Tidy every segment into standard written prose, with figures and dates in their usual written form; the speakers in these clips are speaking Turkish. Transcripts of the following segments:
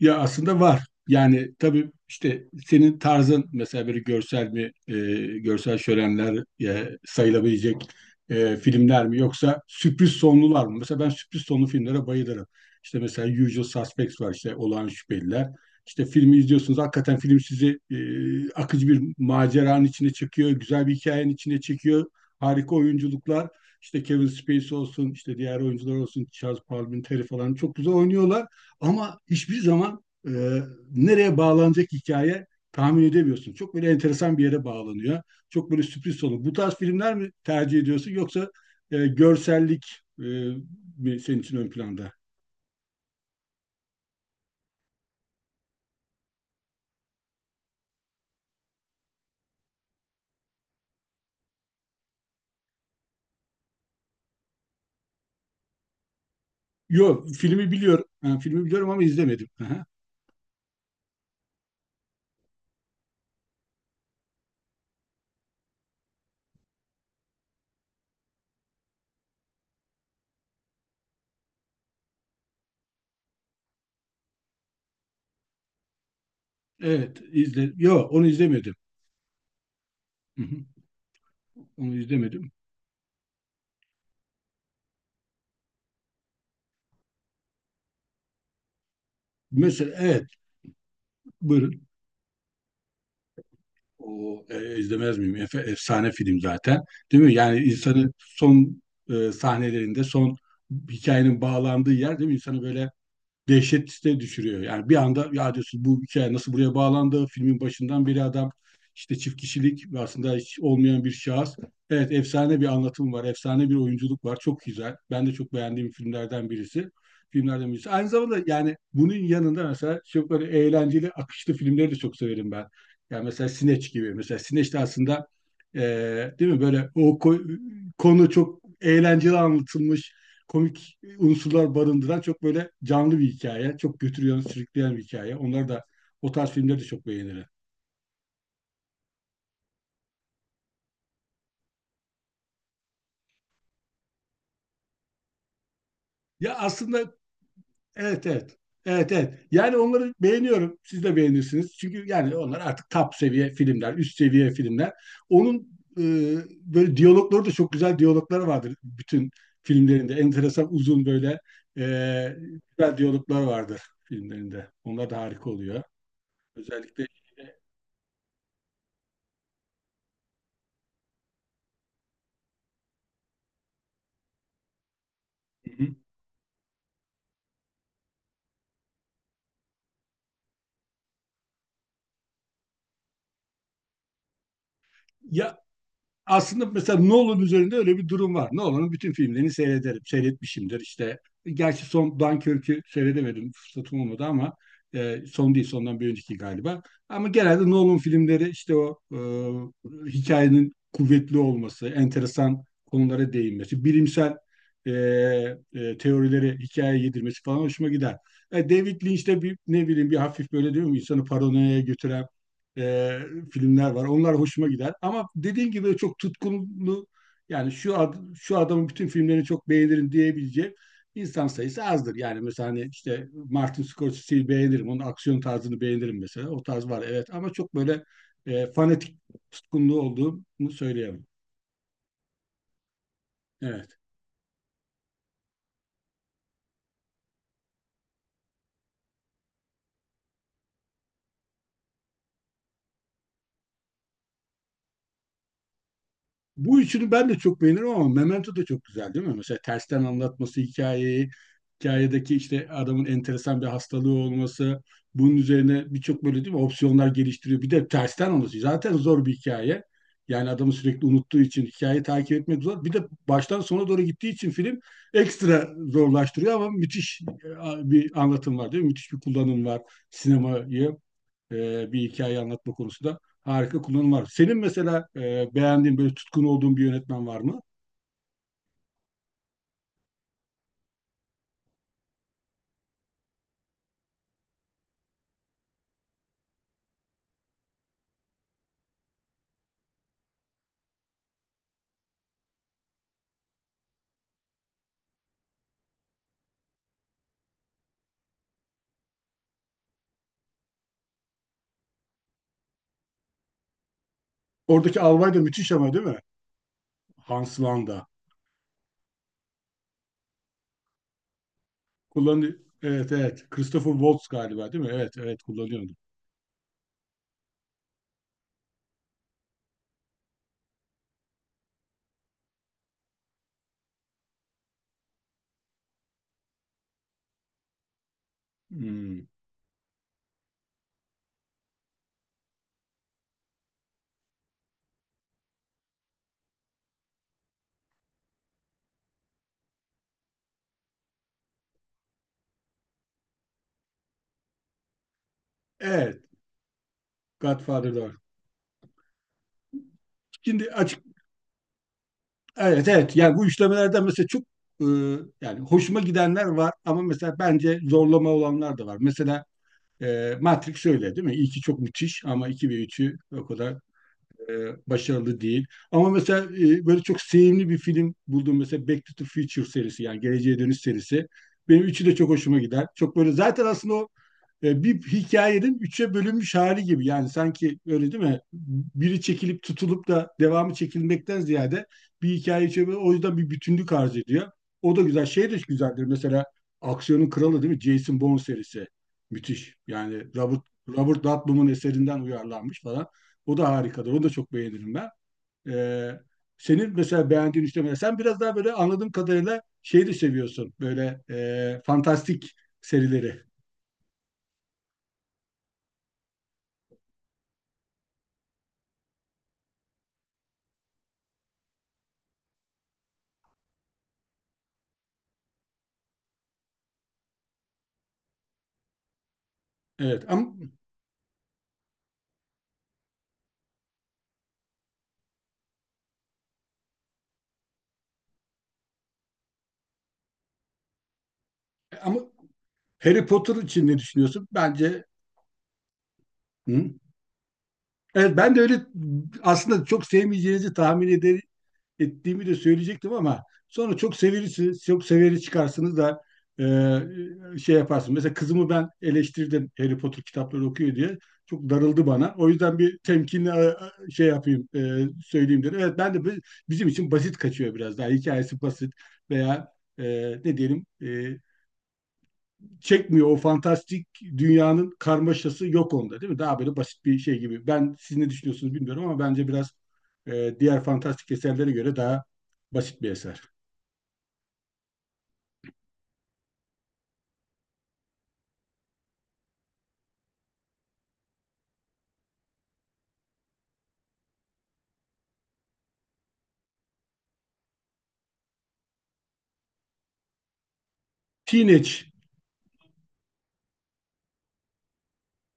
Ya aslında var. Yani tabii işte senin tarzın mesela böyle görsel mi, e, görsel şölenler sayılabilecek filmler mi yoksa sürpriz sonlular mı? Mesela ben sürpriz sonlu filmlere bayılırım. İşte mesela Usual Suspects var, işte Olağan Şüpheliler. İşte filmi izliyorsunuz, hakikaten film sizi akıcı bir maceranın içine çekiyor, güzel bir hikayenin içine çekiyor. Harika oyunculuklar. İşte Kevin Spacey olsun, işte diğer oyuncular olsun, Charles Palminteri falan çok güzel oynuyorlar. Ama hiçbir zaman nereye bağlanacak hikaye tahmin edemiyorsun. Çok böyle enteresan bir yere bağlanıyor. Çok böyle sürpriz sonu. Bu tarz filmler mi tercih ediyorsun, yoksa görsellik mi senin için ön planda? Yok, filmi biliyorum. Ha, filmi biliyorum ama izlemedim. Aha. Evet, izle. Yok, onu izlemedim. Hı hı. Onu izlemedim. Mesela evet, buyurun. İzlemez miyim? Efsane film zaten. Değil mi? Yani insanı son sahnelerinde, son hikayenin bağlandığı yer, değil mi? İnsanı böyle dehşete düşürüyor. Yani bir anda ya diyorsun, bu hikaye nasıl buraya bağlandı? Filmin başından beri adam işte çift kişilik ve aslında hiç olmayan bir şahıs. Evet, efsane bir anlatım var, efsane bir oyunculuk var. Çok güzel. Ben de çok beğendiğim filmlerden birisi. Filmlerden birisi. Aynı zamanda yani bunun yanında mesela çok böyle eğlenceli, akışlı filmleri de çok severim ben. Yani mesela Sineç gibi. Mesela Sineç de aslında e, değil mi böyle, konu çok eğlenceli anlatılmış, komik unsurlar barındıran çok böyle canlı bir hikaye. Çok götürüyor, sürükleyen bir hikaye. Onlar da, o tarz filmleri de çok beğenirim. Ya aslında evet, evet. Evet, evet. Yani onları beğeniyorum. Siz de beğenirsiniz. Çünkü yani onlar artık top seviye filmler, üst seviye filmler. Onun e, böyle diyalogları da, çok güzel diyalogları vardır bütün filmlerinde. Enteresan uzun böyle e, güzel diyaloglar vardır filmlerinde. Onlar da harika oluyor. Özellikle. Hı hı. Ya aslında mesela Nolan üzerinde öyle bir durum var. Nolan'ın bütün filmlerini seyrederim, seyretmişimdir. İşte gerçi son Dunkirk'ü seyredemedim, fırsatım olmadı ama son değil, sondan bir önceki galiba. Ama genelde Nolan filmleri, işte o hikayenin kuvvetli olması, enteresan konulara değinmesi, bilimsel e, teorileri hikayeye yedirmesi falan hoşuma gider. E, David Lynch'te bir ne bileyim bir hafif böyle, diyor mu, insanı paranoyaya götüren e, filmler var. Onlar hoşuma gider. Ama dediğin gibi çok tutkunlu, yani şu adamın bütün filmlerini çok beğenirim diyebileceğim insan sayısı azdır. Yani mesela hani işte Martin Scorsese'yi beğenirim. Onun aksiyon tarzını beğenirim mesela. O tarz var evet, ama çok böyle fanatik tutkunluğu olduğunu söyleyemem. Evet. Bu üçünü ben de çok beğenirim, ama Memento da çok güzel, değil mi? Mesela tersten anlatması hikayeyi, hikayedeki işte adamın enteresan bir hastalığı olması, bunun üzerine birçok böyle, değil mi, opsiyonlar geliştiriyor. Bir de tersten olması zaten zor bir hikaye. Yani adamı sürekli unuttuğu için hikayeyi takip etmek zor. Bir de baştan sona doğru gittiği için film ekstra zorlaştırıyor, ama müthiş bir anlatım var değil mi? Müthiş bir kullanım var, sinemayı bir hikaye anlatma konusunda harika kullanım var. Senin mesela beğendiğin böyle tutkun olduğun bir yönetmen var mı? Oradaki albay da müthiş ama, değil mi? Hans Landa. Kullanıyor. Evet, evet. Christopher Waltz galiba değil mi? Evet, evet kullanıyordu. Hmm. Evet. Godfather'da var. Şimdi açık, evet evet, yani bu işlemelerden mesela çok e, yani hoşuma gidenler var, ama mesela bence zorlama olanlar da var. Mesela Matrix öyle değil mi? İlki çok müthiş, ama 2 ve üçü o kadar e, başarılı değil. Ama mesela böyle çok sevimli bir film buldum. Mesela Back to the Future serisi, yani Geleceğe Dönüş serisi. Benim üçü de çok hoşuma gider. Çok böyle, zaten aslında o bir hikayenin üçe bölünmüş hali gibi. Yani sanki öyle, değil mi? Biri çekilip tutulup da devamı çekilmekten ziyade bir hikaye üçe o yüzden bir bütünlük arz ediyor. O da güzel. Şey de güzeldir. Mesela aksiyonun kralı, değil mi? Jason Bourne serisi. Müthiş. Yani Robert Ludlum'un eserinden uyarlanmış falan. O da harikadır. Onu da çok beğenirim ben. Ee, Senin mesela beğendiğin üçlemeler. Sen biraz daha böyle, anladığım kadarıyla şey de seviyorsun. Böyle fantastik serileri. Evet ama, ama Harry Potter için ne düşünüyorsun? Bence, hı? Evet, ben de öyle aslında çok sevmeyeceğinizi tahmin ettiğimi de söyleyecektim, ama sonra çok severiz, çok severi çıkarsınız da şey yaparsın. Mesela kızımı ben eleştirdim Harry Potter kitapları okuyor diye. Çok darıldı bana. O yüzden bir temkinli şey yapayım, söyleyeyim dedim. Evet ben de bizim için basit kaçıyor biraz daha. Hikayesi basit veya e, ne diyelim, çekmiyor, o fantastik dünyanın karmaşası yok onda, değil mi? Daha böyle basit bir şey gibi. Ben, siz ne düşünüyorsunuz bilmiyorum, ama bence biraz diğer fantastik eserlere göre daha basit bir eser. Teenage'çilere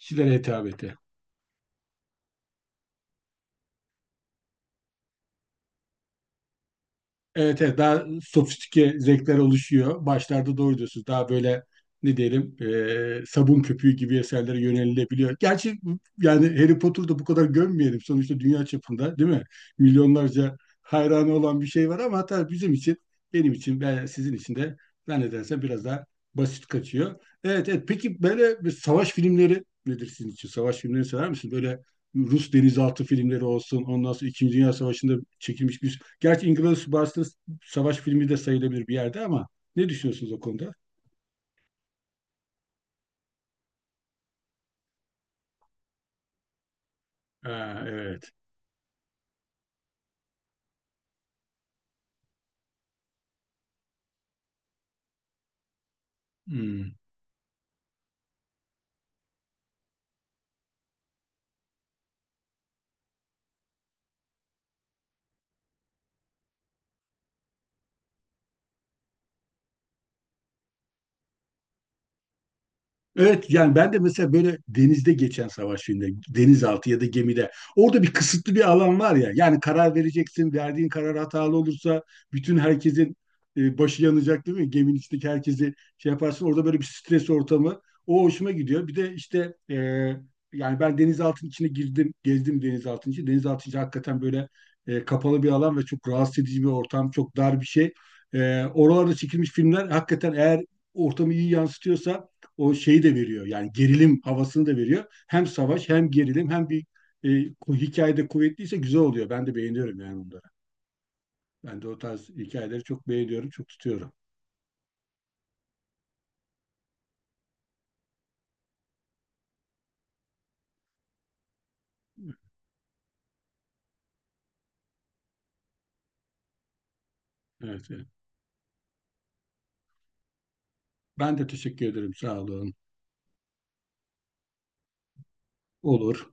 hitabeti. Evet, evet, daha sofistike zevkler oluşuyor. Başlarda doğru diyorsunuz. Daha böyle ne diyelim, sabun köpüğü gibi eserlere yönelilebiliyor. Gerçi yani Harry Potter'da bu kadar gömmeyelim. Sonuçta dünya çapında, değil mi? Milyonlarca hayranı olan bir şey var, ama hatta bizim için, benim için, ben, sizin için de zannedersem biraz daha basit kaçıyor. Evet, evet. Peki böyle bir savaş filmleri nedir sizin için? Savaş filmlerini sever misiniz? Böyle Rus denizaltı filmleri olsun. Ondan sonra İkinci Dünya Savaşı'nda çekilmiş bir... Gerçi Inglourious Basterds savaş filmi de sayılabilir bir yerde, ama ne düşünüyorsunuz o konuda? Ha, evet. Hmm. Evet, yani ben de mesela böyle denizde geçen savaş filminde, denizaltı ya da gemide, orada bir kısıtlı bir alan var ya. Yani karar vereceksin, verdiğin karar hatalı olursa bütün herkesin başı yanacak, değil mi? Geminin içindeki herkesi şey yaparsın. Orada böyle bir stres ortamı. O hoşuma gidiyor. Bir de işte yani ben denizaltının içine girdim, gezdim denizaltının içi. Denizaltı içi hakikaten böyle kapalı bir alan ve çok rahatsız edici bir ortam, çok dar bir şey. E, oralarda çekilmiş filmler hakikaten, eğer ortamı iyi yansıtıyorsa, o şeyi de veriyor. Yani gerilim havasını da veriyor. Hem savaş hem gerilim hem bir e, hikayede kuvvetliyse güzel oluyor. Ben de beğeniyorum yani onları. Ben de o tarz hikayeleri çok beğeniyorum, çok tutuyorum. Evet, evet. Ben de teşekkür ederim. Sağ olun. Olur.